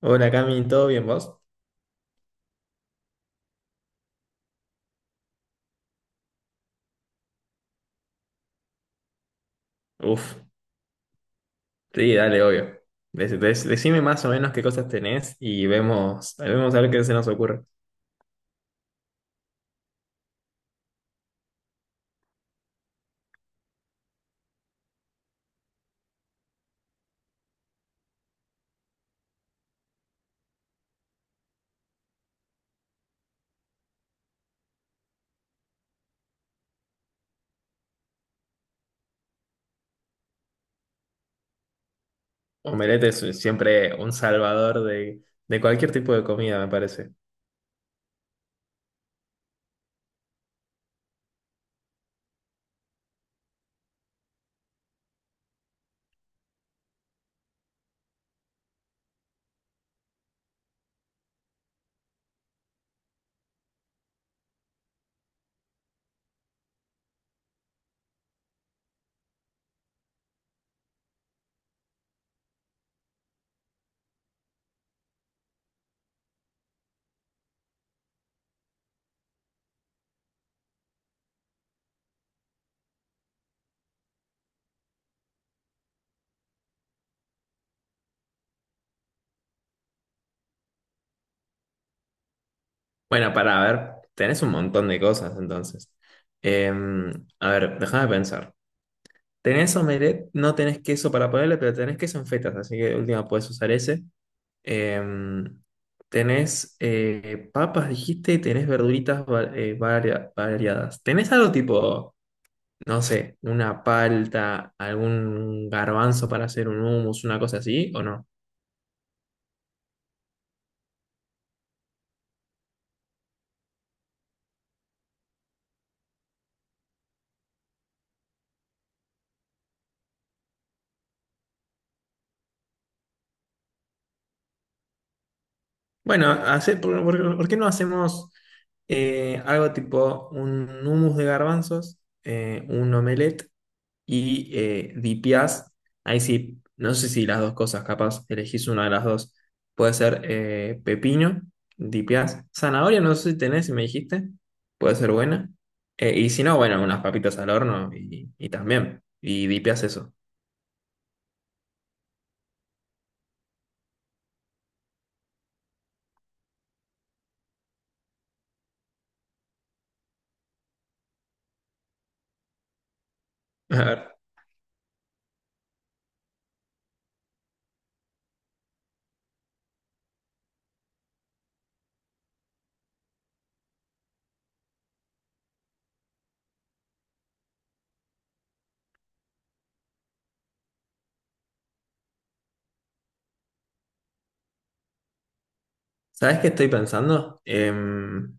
Hola Cami, ¿todo bien vos? Uf, sí, dale, obvio. Decime más o menos qué cosas tenés y vemos, a ver qué se nos ocurre. Omelette es siempre un salvador de cualquier tipo de comida, me parece. Bueno, para ver, tenés un montón de cosas entonces. A ver, déjame pensar. Tenés omelette, no tenés queso para ponerle, pero tenés queso en fetas, así que de última podés usar ese. Em, Tenés papas, dijiste, y tenés variadas. ¿Tenés algo tipo, no sé, una palta, algún garbanzo para hacer un hummus, una cosa así, o no? Bueno, ¿por qué no hacemos algo tipo un hummus de garbanzos, un omelette y DPS? Ahí sí, no sé si las dos cosas, capaz elegís una de las dos. Puede ser pepino, DPS. Zanahoria, no sé si tenés, si me dijiste. Puede ser buena. Y si no, bueno, unas papitas al horno y también. Y DPS eso. A ver, ¿sabés qué estoy pensando? Em,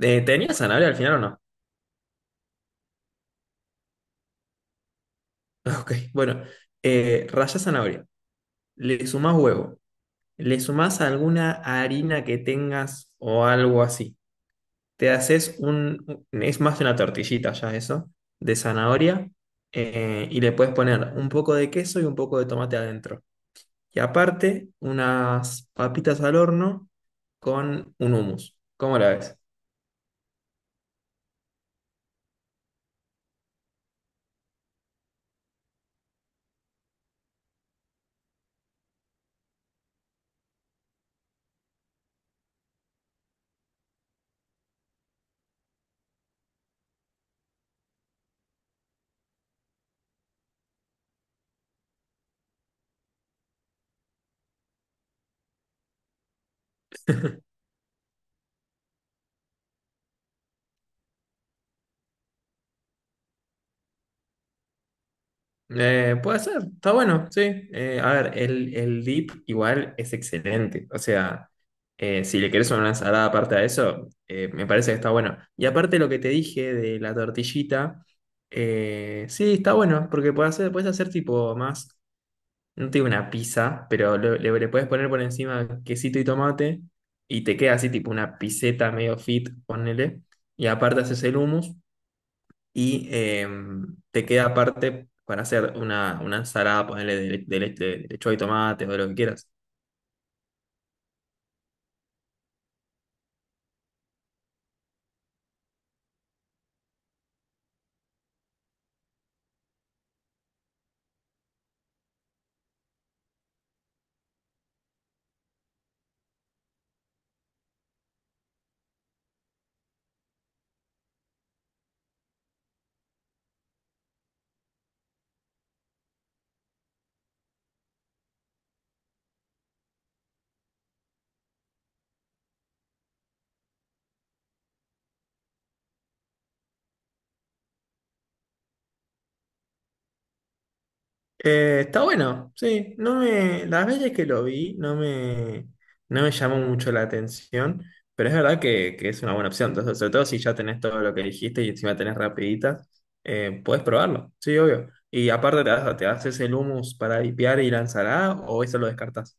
eh, ¿Tenías zanahoria al final o no? Ok, bueno. Rallás zanahoria. Le sumás huevo. Le sumás alguna harina que tengas o algo así. Te haces un, es más una tortillita ya eso, de zanahoria, y le puedes poner un poco de queso y un poco de tomate adentro. Y aparte, unas papitas al horno con un hummus. ¿Cómo la ves? Puede ser, está bueno, sí. A ver, el dip igual es excelente. O sea, si le querés una ensalada aparte a eso, me parece que está bueno. Y aparte lo que te dije de la tortillita, sí, está bueno, porque puedes hacer tipo más, no te digo una pizza, pero le puedes poner por encima quesito y tomate y te queda así tipo una piseta medio fit, ponele. Y aparte haces el hummus y te queda aparte para hacer una ensalada, ponerle de lechuga y tomate o de lo que quieras. Está bueno, sí. No me, Las veces que lo vi no me, no me llamó mucho la atención, pero es verdad que es una buena opción. Entonces, sobre todo si ya tenés todo lo que dijiste y encima tenés rapiditas, podés probarlo, sí, obvio. Y aparte te haces el hummus para dipear y la ensalada o eso lo descartás.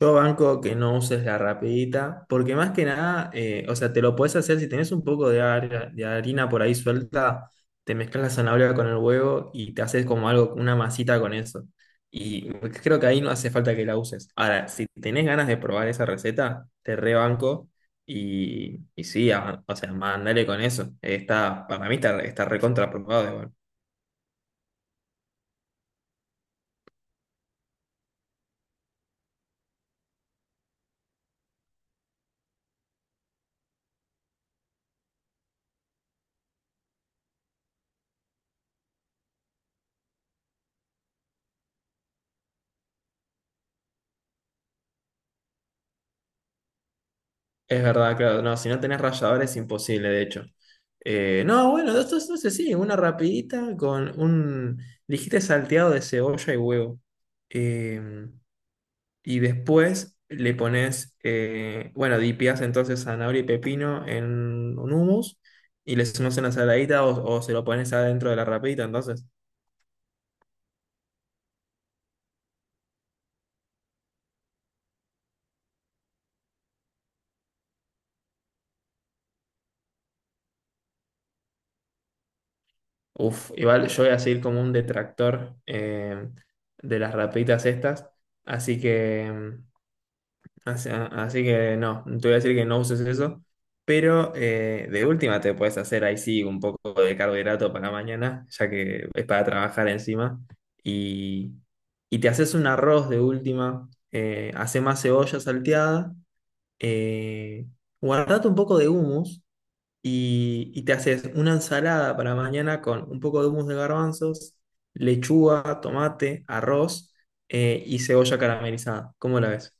Yo banco que no uses la rapidita, porque más que nada, o sea, te lo puedes hacer si tenés un poco de harina por ahí suelta, te mezclas la zanahoria con el huevo y te haces como algo, una masita con eso. Y creo que ahí no hace falta que la uses. Ahora, si tenés ganas de probar esa receta, te rebanco y sí, o sea, mandale con eso. Está, para mí está, está recontra probado. Es verdad, claro. No, si no tenés rallador es imposible, de hecho. No, bueno, esto es, sé, sí, una rapidita con un, dijiste salteado de cebolla y huevo. Eh, y después le pones, bueno, dipeás entonces zanahoria y pepino en un hummus y le sumás una saladita o se lo pones adentro de la rapidita, entonces. Uf, igual yo voy a seguir como un detractor de las rapiditas estas, así que… así que no, te voy a decir que no uses eso, pero de última te puedes hacer ahí sí un poco de carbohidrato para mañana, ya que es para trabajar encima, y, y te haces un arroz de última, hace más cebolla salteada, eh, guardate un poco de hummus y te haces una ensalada para mañana con un poco de hummus de garbanzos, lechuga, tomate, arroz y cebolla caramelizada. ¿Cómo la ves?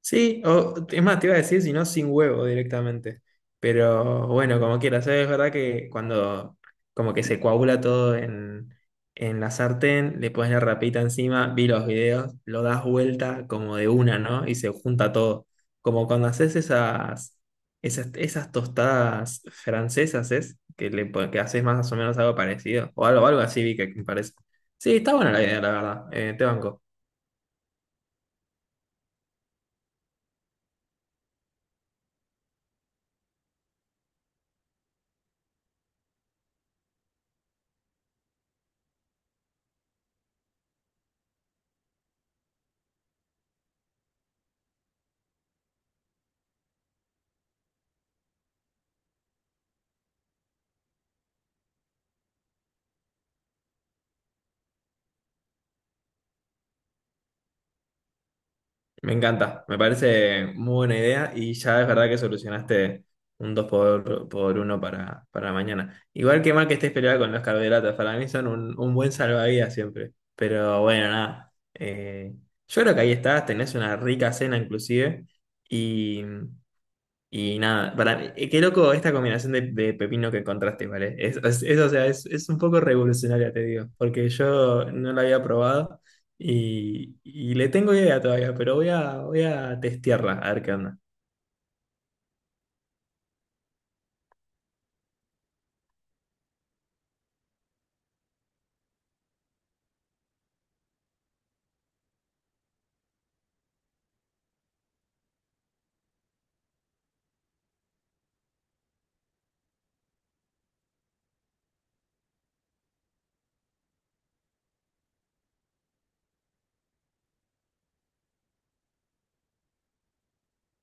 Sí, o es más, te iba a decir, si no, sin huevo directamente. Pero bueno, como quieras, ¿sabes? Es verdad que cuando como que se coagula todo en la sartén, le pones la rapita encima, vi los videos, lo das vuelta como de una, ¿no? Y se junta todo. Como cuando haces esas tostadas francesas, ¿es? Que haces más o menos algo parecido. O algo así vi que me parece. Sí, está buena la idea, la verdad. Te banco. Me encanta, me parece muy buena idea y ya es verdad que solucionaste un 2 por uno para mañana. Igual que mal que estés peleada con los carbohidratos, para mí son un buen salvavidas siempre. Pero bueno, nada, yo creo que ahí estás, tenés una rica cena inclusive. Y, y nada, para mí, qué loco esta combinación de pepino que encontraste, ¿vale? Es, o sea, es un poco revolucionaria, te digo, porque yo no la había probado y le tengo idea todavía, pero voy voy a testearla, a ver qué onda.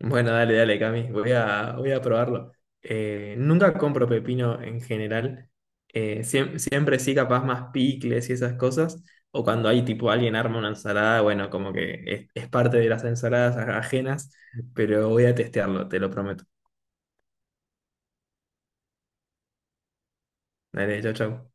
Bueno, dale, dale, Cami, voy voy a probarlo. Nunca compro pepino en general. Siempre sí, capaz más picles y esas cosas. O cuando hay tipo alguien arma una ensalada, bueno, como que es parte de las ensaladas ajenas, pero voy a testearlo, te lo prometo. Dale, chau, chau.